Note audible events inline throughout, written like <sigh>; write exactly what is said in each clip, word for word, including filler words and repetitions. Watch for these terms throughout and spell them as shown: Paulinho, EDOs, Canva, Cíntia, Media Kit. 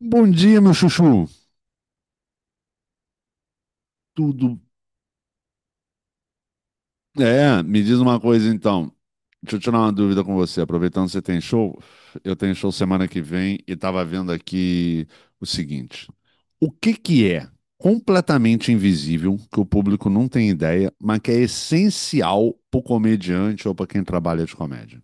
Bom dia, meu chuchu. Tudo. É, me diz uma coisa então. Deixa eu tirar uma dúvida com você. Aproveitando que você tem show, eu tenho show semana que vem e estava vendo aqui o seguinte: o que que é completamente invisível, que o público não tem ideia, mas que é essencial pro comediante ou para quem trabalha de comédia?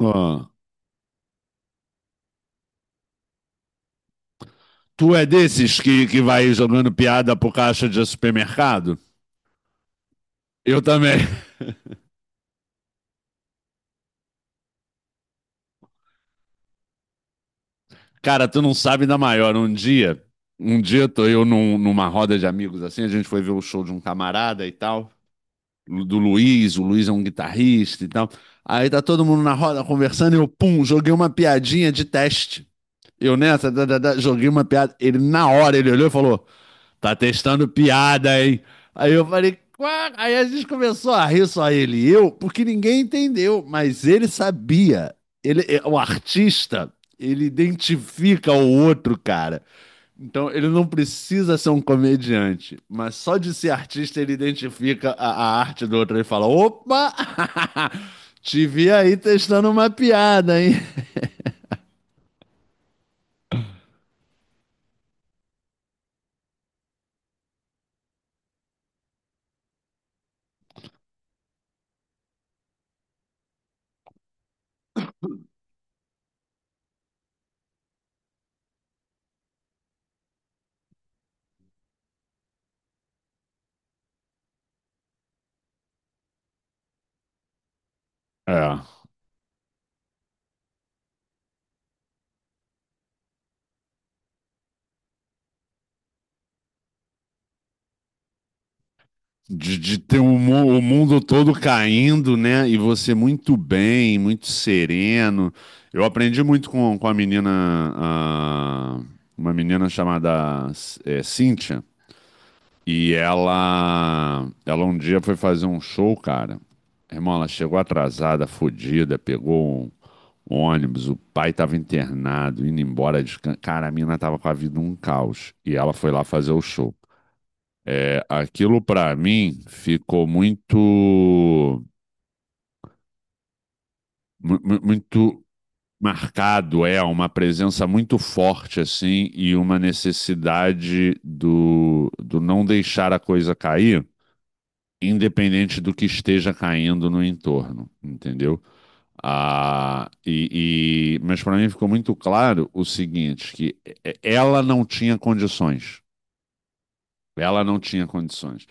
Ah, tu é desses que, que vai jogando piada pro caixa de supermercado? Eu também. Cara, tu não sabe da maior. Um dia, um dia tô eu num- numa roda de amigos assim, a gente foi ver o show de um camarada e tal, do Luiz, o Luiz é um guitarrista e tal. Aí tá todo mundo na roda conversando e eu, pum, joguei uma piadinha de teste. Eu nessa, da, da, da, joguei uma piada. Ele, na hora, ele olhou e falou: Tá testando piada, hein? Aí eu falei, "Quá?" Aí a gente começou a rir só ele e eu, porque ninguém entendeu, mas ele sabia. Ele, é- o artista, ele identifica o outro, cara. Então ele não precisa ser um comediante, mas só de ser artista ele identifica a, a arte do outro. Ele fala, opa, <laughs> te vi aí testando uma piada, hein? É. De, de ter o, mu- o mundo todo caindo, né? E você muito bem, muito sereno. Eu aprendi muito com, com a menina, ah, uma menina chamada eh, Cíntia. E ela, ela um dia foi fazer um show, cara. Irmão, ela chegou atrasada, fodida, pegou um ônibus, o pai tava internado, indo embora de... can- Cara, a mina tava com a vida um caos. E ela foi lá fazer o show. É, aquilo para mim ficou muito muito marcado, é uma presença muito forte assim e uma necessidade do, do não deixar a coisa cair, independente do que esteja caindo no entorno, entendeu? Ah, e, e mas para mim ficou muito claro o seguinte: que é, ela não tinha condições, ela não tinha condições.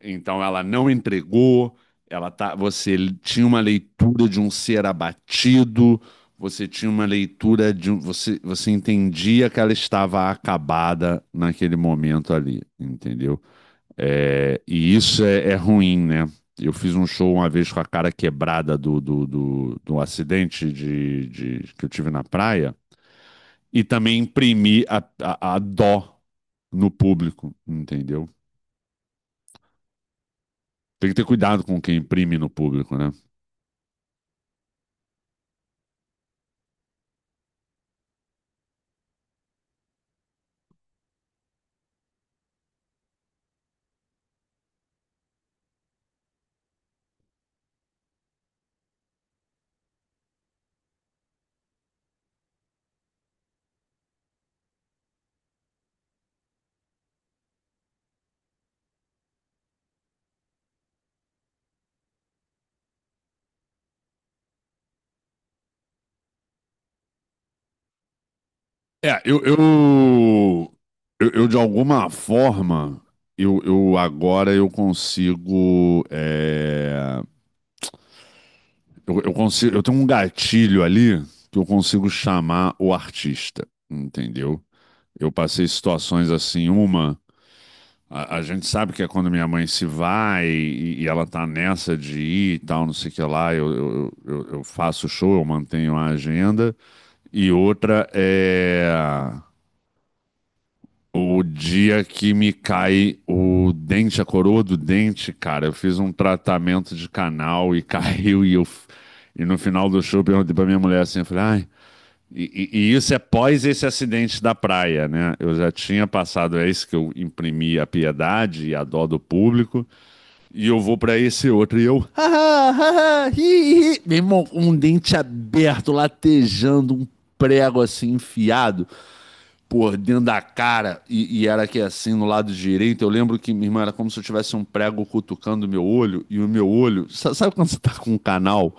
Então ela não entregou, ela tá, você tinha uma leitura de um ser abatido, você tinha uma leitura de um, você, você entendia que ela estava acabada naquele momento ali, entendeu? É, e isso é, é ruim, né? Eu fiz um show uma vez com a cara quebrada do, do, do, do acidente de, de- que eu tive na praia e também imprimi a, a, a dó no público, entendeu? Tem que ter cuidado com quem imprime no público, né? É, eu, eu, eu, eu, de alguma forma, eu, eu agora eu consigo, é, eu, eu consigo, eu tenho um gatilho ali que eu consigo chamar o artista, entendeu? Eu passei situações assim, uma, a, a gente sabe que é quando minha mãe se vai e, e ela tá nessa de ir e tal, não sei o que lá, eu, eu, eu, eu faço show, eu mantenho a agenda, e outra é. O dia que me cai o dente, a coroa do dente, cara, eu fiz um tratamento de canal e <laughs> caiu e eu e no final do show eu perguntei pra minha mulher assim, eu falei, ai, e, e- e isso é pós esse acidente da praia, né? Eu já tinha passado esse que eu imprimi a piedade e a dó do público e eu vou pra esse outro e eu, ah ah, ah, hi, hi. Meu irmão, um dente aberto, latejando, um prego assim enfiado por dentro da cara e, e era aqui assim no lado direito. Eu lembro que, minha irmã, era como se eu tivesse um prego cutucando o meu olho e o meu olho. sa- Sabe quando você tá com um canal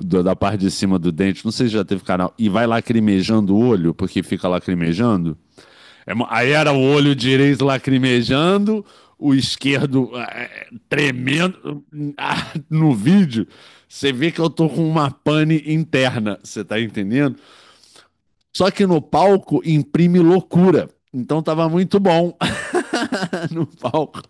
do- da parte de cima do dente? Não sei se já teve canal. E vai lacrimejando o olho, porque fica lacrimejando. É mo- aí era o olho direito lacrimejando, o esquerdo eh, tremendo. Ah, no vídeo, você vê que eu tô com uma pane interna. Você tá entendendo? Só que no palco imprime loucura. Então tava muito bom <laughs> no palco.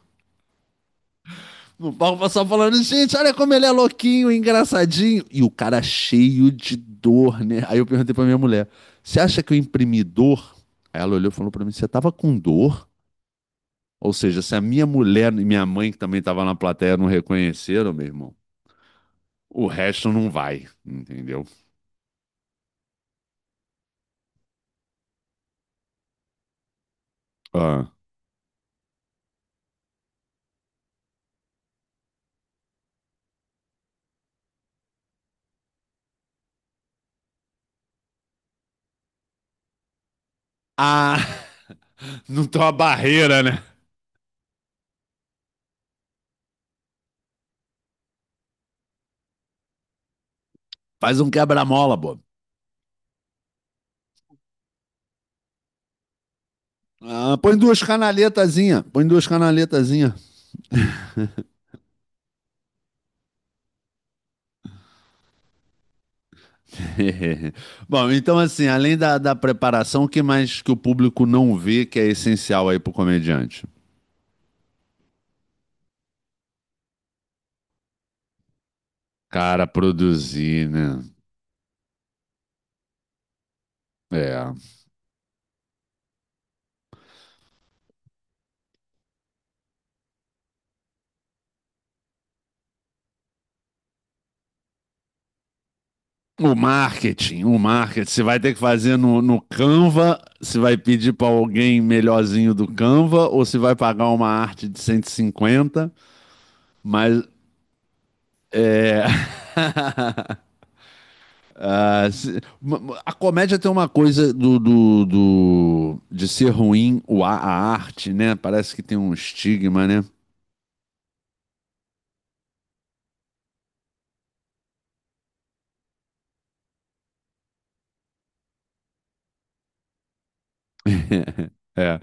No palco o pessoal falando, gente, olha como ele é louquinho, engraçadinho. E o cara cheio de dor, né? Aí eu perguntei pra minha mulher, você acha que eu imprimi dor? Aí ela olhou e falou pra mim, você tava com dor? Ou seja, se a minha mulher e minha mãe, que também tava na plateia, não reconheceram, meu irmão, o resto não vai, entendeu? Ah, ah <laughs> não tem uma barreira, né? Faz um quebra-mola, pô. Ah, põe duas canaletazinhas, põe duas canaletazinhas. <laughs> Bom, então assim, além da, da preparação, o que mais que o público não vê que é essencial aí pro comediante? Cara, produzir, né? É. O marketing, o marketing. Você vai ter que fazer no, no Canva, você vai pedir pra alguém melhorzinho do Canva, ou você vai pagar uma arte de cento e cinquenta? Mas é. <laughs> Ah, se- ma- a comédia tem uma coisa do, do, do- de ser ruim o, a, a arte, né? Parece que tem um estigma, né? <laughs> É,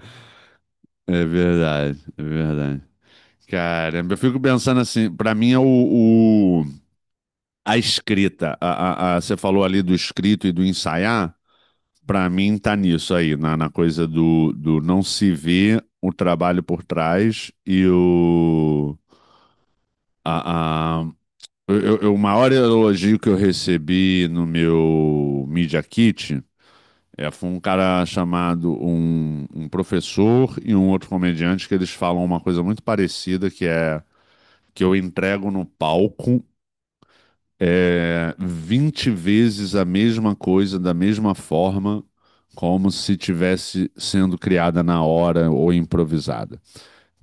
é verdade, é verdade. Caramba, eu fico pensando assim, pra mim é o, o- a escrita, a, a- a- você falou ali do escrito e do ensaiar, pra mim tá nisso aí, na, na coisa do, do não se ver o trabalho por trás e o, a- Eu, eu- eu- o maior elogio que eu recebi no meu Media Kit, é, foi um cara chamado um, um, professor e um outro comediante que eles falam uma coisa muito parecida que é que eu entrego no palco é, vinte vezes a mesma coisa, da mesma forma, como se tivesse sendo criada na hora ou improvisada,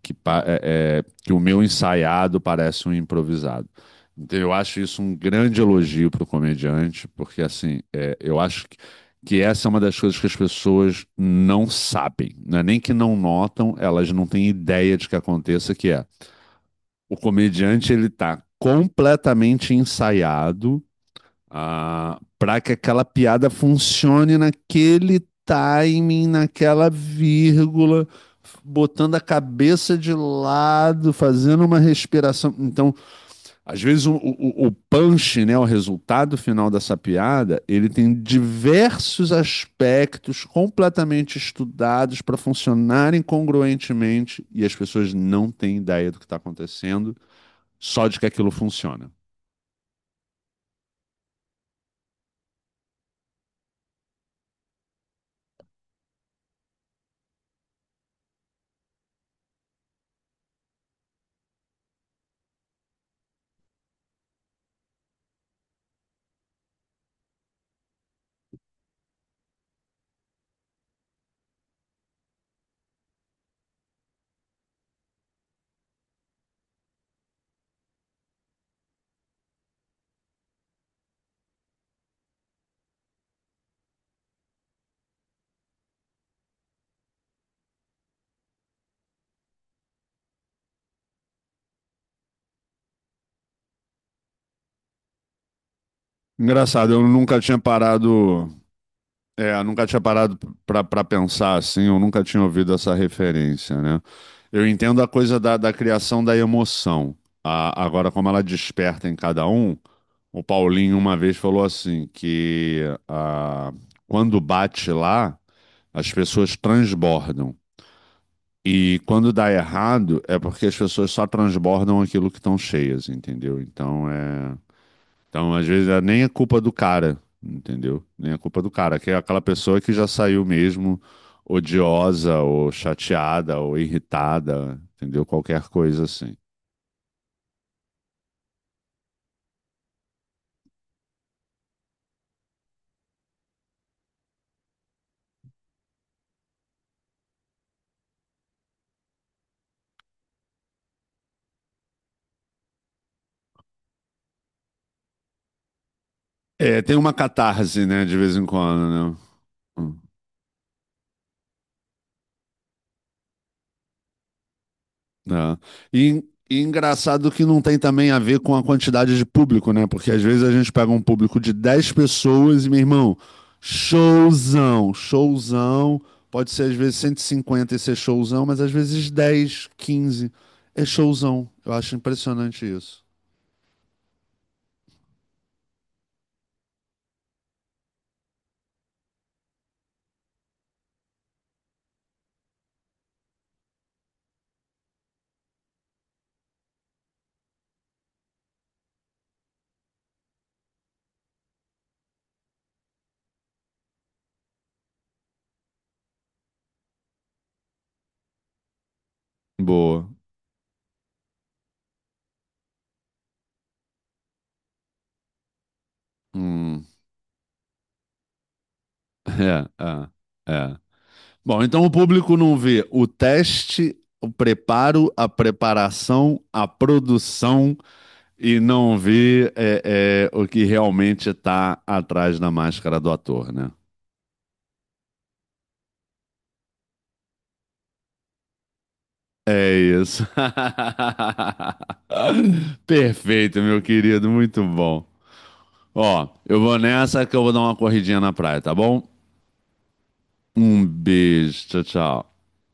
que, pa- é- é, que o meu ensaiado parece um improvisado. Então, eu acho isso um grande elogio para o comediante, porque assim, é, eu acho que, que essa é uma das coisas que as pessoas não sabem, não é nem que não notam, elas não têm ideia de que aconteça, que é o comediante ele está completamente ensaiado, ah, para que aquela piada funcione naquele timing, naquela vírgula, botando a cabeça de lado, fazendo uma respiração. Então, às vezes o, o, o punch, né, o resultado final dessa piada, ele tem diversos aspectos completamente estudados para funcionarem congruentemente e as pessoas não têm ideia do que está acontecendo, só de que aquilo funciona. Engraçado, eu nunca tinha parado É, eu nunca tinha parado pra pra pensar assim, eu nunca tinha ouvido essa referência, né? Eu entendo a coisa da, da criação da emoção. A- agora, como ela desperta em cada um, o Paulinho uma vez falou assim, que ah, quando bate lá, as pessoas transbordam. E quando dá errado, é porque as pessoas só transbordam aquilo que estão cheias, entendeu? Então, é. Então, às vezes, é nem é culpa do cara, entendeu? Nem é culpa do cara, que é aquela pessoa que já saiu mesmo odiosa ou chateada ou irritada, entendeu? Qualquer coisa assim. É, tem uma catarse, né, de vez em quando, né? Hum. É. E, e engraçado que não tem também a ver com a quantidade de público, né? Porque às vezes a gente pega um público de dez pessoas e, meu irmão, showzão, showzão. Pode ser às vezes cento e cinquenta e ser showzão, mas às vezes dez, quinze é showzão. Eu acho impressionante isso. Boa. Hum. É, é, é. Bom, então o público não vê o teste, o preparo, a preparação, a produção. E não ver é, é, o que realmente está atrás da máscara do ator, né? É isso. <laughs> Perfeito, meu querido, muito bom. Ó, eu vou nessa que eu vou dar uma corridinha na praia, tá bom? Um beijo, tchau, tchau.